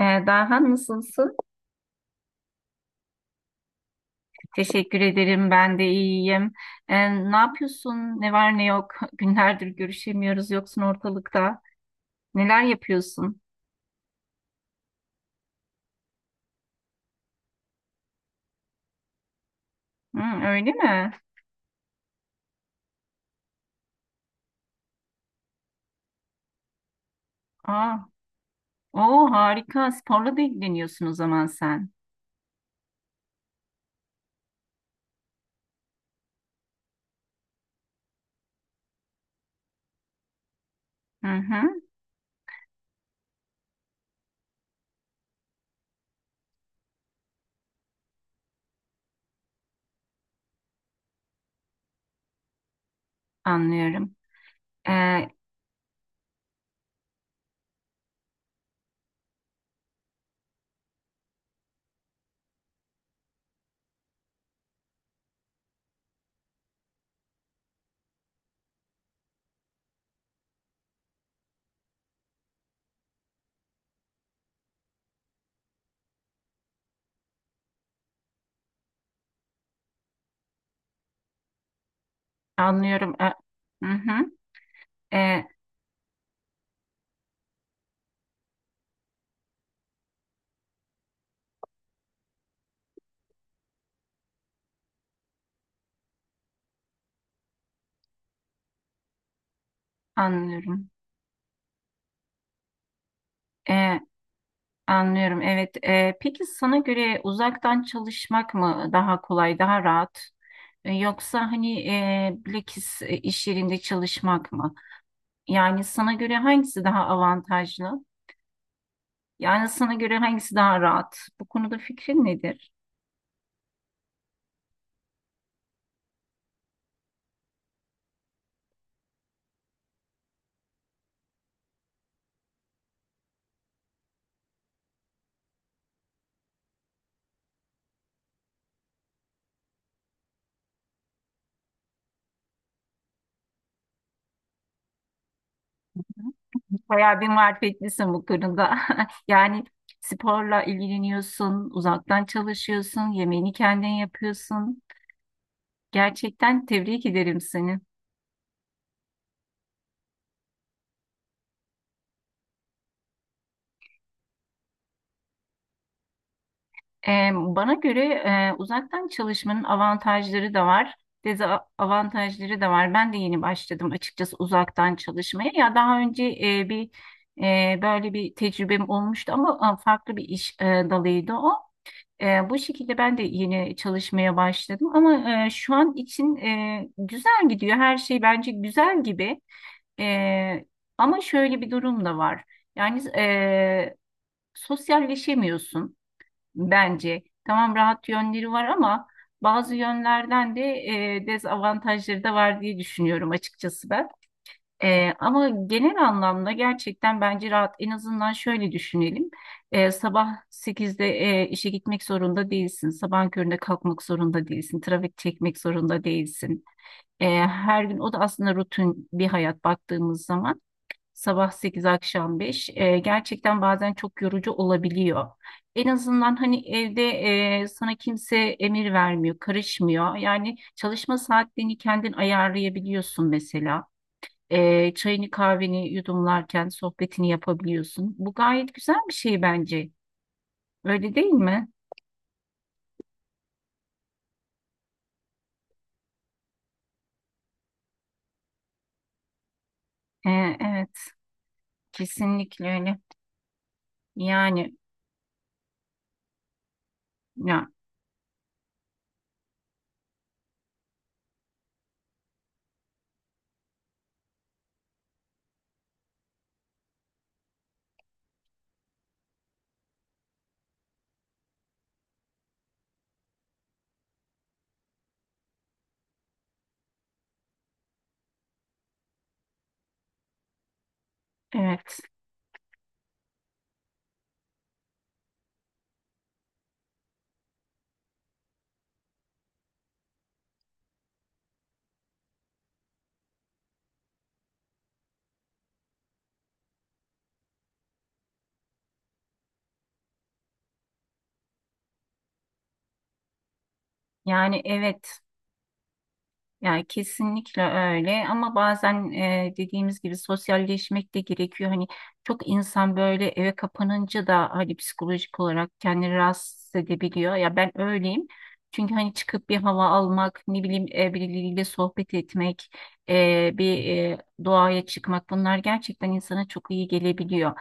Daha nasılsın? Teşekkür ederim. Ben de iyiyim. Ne yapıyorsun? Ne var ne yok? Günlerdir görüşemiyoruz. Yoksun ortalıkta. Neler yapıyorsun? Hı, öyle mi? Aa, o harika. Sporla da ilgileniyorsun o zaman sen. Hı hı, anlıyorum. Ee, Anlıyorum. Hı hı, ee, anlıyorum. Ee, Anlıyorum. Evet. Peki sana göre uzaktan çalışmak mı daha kolay, daha rahat? Yoksa hani bilakis iş yerinde çalışmak mı? Yani sana göre hangisi daha avantajlı? Yani sana göre hangisi daha rahat? Bu konuda fikrin nedir? Bayağı bir marifetlisin bu konuda. Yani sporla ilgileniyorsun, uzaktan çalışıyorsun, yemeğini kendin yapıyorsun. Gerçekten tebrik ederim seni. Bana göre uzaktan çalışmanın avantajları da var, dezavantajları da var. Ben de yeni başladım açıkçası uzaktan çalışmaya. Ya daha önce bir böyle bir tecrübem olmuştu ama farklı bir iş dalıydı o. Bu şekilde ben de yeni çalışmaya başladım ama şu an için güzel gidiyor. Her şey bence güzel gibi. E, Ama şöyle bir durum da var. Yani sosyalleşemiyorsun bence. Tamam, rahat yönleri var ama bazı yönlerden de dezavantajları da var diye düşünüyorum açıkçası ben. Ama genel anlamda gerçekten bence rahat. En azından şöyle düşünelim. Sabah sekizde işe gitmek zorunda değilsin. Sabah köründe kalkmak zorunda değilsin. Trafik çekmek zorunda değilsin. Her gün o da aslında rutin bir hayat baktığımız zaman. Sabah 8 akşam 5 gerçekten bazen çok yorucu olabiliyor. En azından hani evde sana kimse emir vermiyor, karışmıyor. Yani çalışma saatlerini kendin ayarlayabiliyorsun mesela. Çayını kahveni yudumlarken sohbetini yapabiliyorsun. Bu gayet güzel bir şey bence. Öyle değil mi? E, evet, kesinlikle öyle. Yani ya evet. Yani evet. Yani kesinlikle öyle ama bazen dediğimiz gibi sosyalleşmek de gerekiyor. Hani çok insan böyle eve kapanınca da hani psikolojik olarak kendini rahatsız edebiliyor. Ya ben öyleyim. Çünkü hani çıkıp bir hava almak, ne bileyim birileriyle sohbet etmek, e, bir e, doğaya çıkmak bunlar gerçekten insana çok iyi gelebiliyor.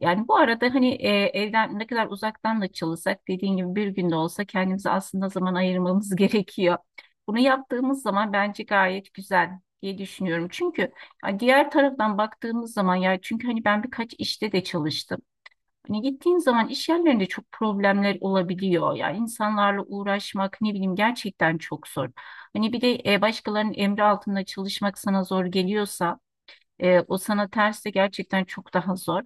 Yani bu arada hani evden ne kadar uzaktan da çalışsak dediğin gibi bir günde olsa kendimize aslında zaman ayırmamız gerekiyor. Bunu yaptığımız zaman bence gayet güzel diye düşünüyorum. Çünkü ya, diğer taraftan baktığımız zaman ya çünkü hani ben birkaç işte de çalıştım. Hani gittiğin zaman iş yerlerinde çok problemler olabiliyor. Yani insanlarla uğraşmak ne bileyim gerçekten çok zor. Hani bir de başkalarının emri altında çalışmak sana zor geliyorsa o sana terse gerçekten çok daha zor.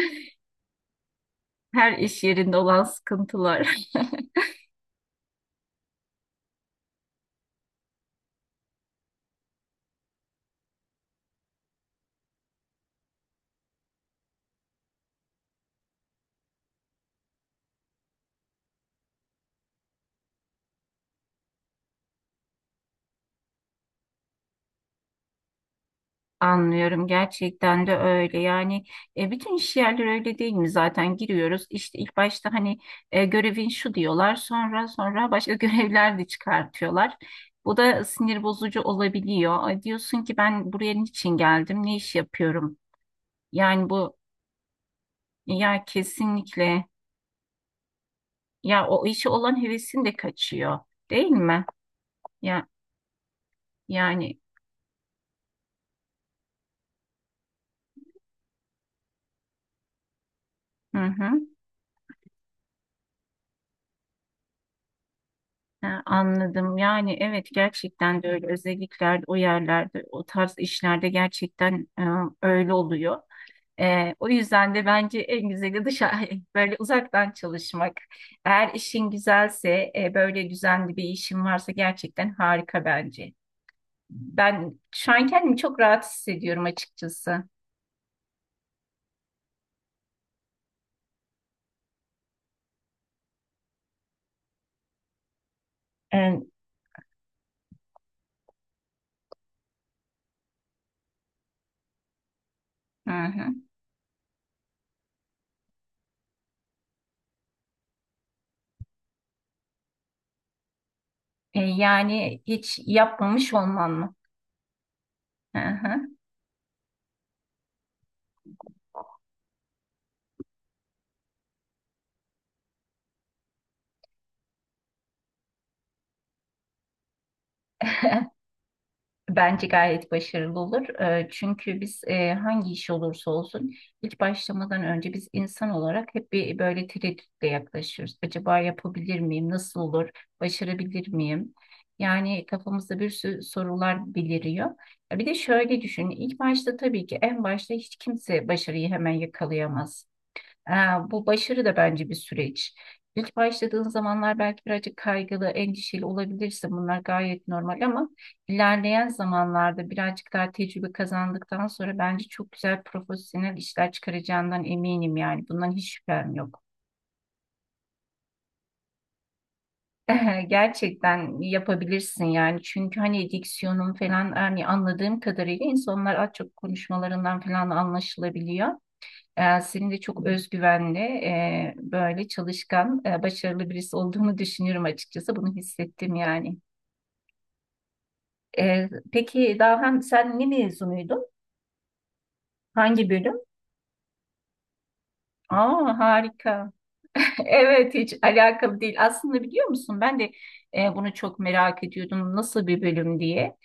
Her iş yerinde olan sıkıntılar. Anlıyorum, gerçekten de öyle yani bütün iş yerleri öyle değil mi, zaten giriyoruz işte ilk başta hani görevin şu diyorlar, sonra başka görevler de çıkartıyorlar, bu da sinir bozucu olabiliyor. Ay, diyorsun ki ben buraya niçin geldim, ne iş yapıyorum yani. Bu ya kesinlikle ya, o işe olan hevesin de kaçıyor değil mi ya yani. Hı hı. Ha, anladım. Yani evet, gerçekten de öyle. Özelliklerde o yerlerde, o tarz işlerde gerçekten öyle oluyor. O yüzden de bence en güzeli dışarı böyle uzaktan çalışmak. Eğer işin güzelse, böyle düzenli bir işin varsa gerçekten harika bence. Ben şu an kendimi çok rahat hissediyorum açıkçası. E, hı hı. Yani hiç yapmamış olman mı? Hı hı. Bence gayet başarılı olur. Çünkü biz hangi iş olursa olsun ilk başlamadan önce biz insan olarak hep bir böyle tereddütle yaklaşıyoruz. Acaba yapabilir miyim? Nasıl olur? Başarabilir miyim? Yani kafamızda bir sürü sorular beliriyor. Ya bir de şöyle düşün. İlk başta tabii ki en başta hiç kimse başarıyı hemen yakalayamaz. Ee, Bu başarı da bence bir süreç. İlk başladığın zamanlar belki birazcık kaygılı, endişeli olabilirsin. Bunlar gayet normal ama ilerleyen zamanlarda birazcık daha tecrübe kazandıktan sonra bence çok güzel profesyonel işler çıkaracağından eminim yani. Bundan hiç şüphem yok. Gerçekten yapabilirsin yani. Çünkü hani diksiyonun falan hani anladığım kadarıyla insanlar az çok konuşmalarından falan anlaşılabiliyor. Senin de çok özgüvenli, böyle çalışkan, başarılı birisi olduğunu düşünüyorum açıkçası. Bunu hissettim yani. Peki Dahan, sen ne mezunuydun? Hangi bölüm? Aa, harika. Evet, hiç alakalı değil. Aslında biliyor musun, ben de bunu çok merak ediyordum. Nasıl bir bölüm diye.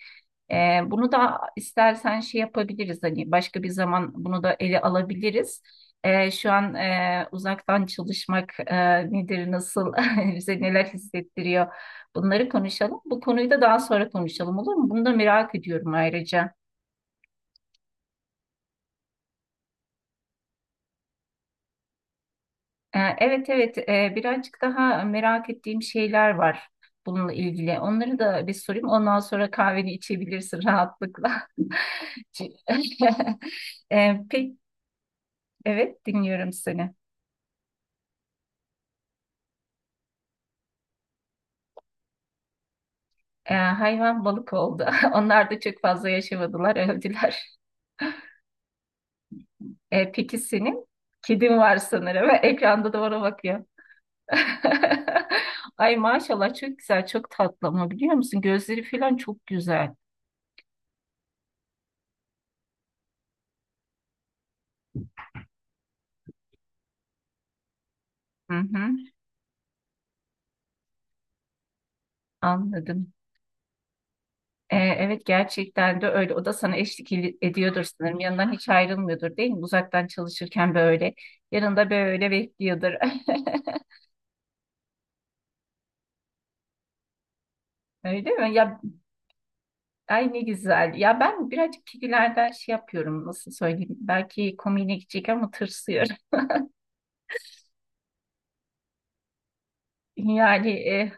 Bunu da istersen şey yapabiliriz, hani başka bir zaman bunu da ele alabiliriz. Şu an uzaktan çalışmak nedir, nasıl, bize neler hissettiriyor, bunları konuşalım. Bu konuyu da daha sonra konuşalım olur mu? Bunu da merak ediyorum ayrıca. Evet, evet, birazcık daha merak ettiğim şeyler var bununla ilgili. Onları da bir sorayım, ondan sonra kahveni içebilirsin rahatlıkla. Peki, evet, dinliyorum seni. Hayvan balık oldu. Onlar da çok fazla yaşamadılar, öldüler. Peki senin? Kedin var sanırım. Ekranda da ona bakıyor. Ay maşallah, çok güzel, çok tatlı ama biliyor musun? Gözleri falan çok güzel. Hı hı, anladım. Evet, gerçekten de öyle. O da sana eşlik ediyordur sanırım. Yanından hiç ayrılmıyordur değil mi? Uzaktan çalışırken böyle. Yanında böyle bekliyordur. Öyle mi? Ya, ay ne güzel. Ya ben birazcık kedilerden şey yapıyorum, nasıl söyleyeyim. Belki komiğine gidecek ama tırsıyorum. Yani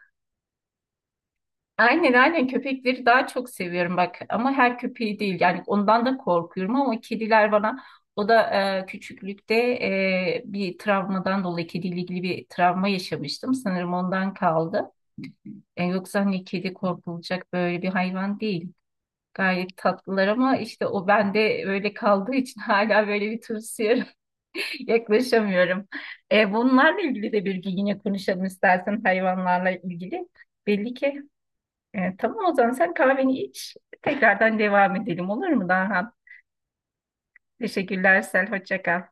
aynen aynen köpekleri daha çok seviyorum bak. Ama her köpeği değil. Yani ondan da korkuyorum ama kediler bana, o da küçüklükte bir travmadan dolayı kediyle ilgili bir travma yaşamıştım. Sanırım ondan kaldı. Yoksa hani kedi korkulacak böyle bir hayvan değil. Gayet tatlılar ama işte o bende öyle kaldığı için hala böyle bir tırsıyorum. Yaklaşamıyorum. Bunlarla ilgili de bir gün yine konuşalım istersen, hayvanlarla ilgili. Belli ki. Tamam, o zaman sen kahveni iç. Tekrardan devam edelim olur mu daha? Teşekkürler Sel. Hoşça kal.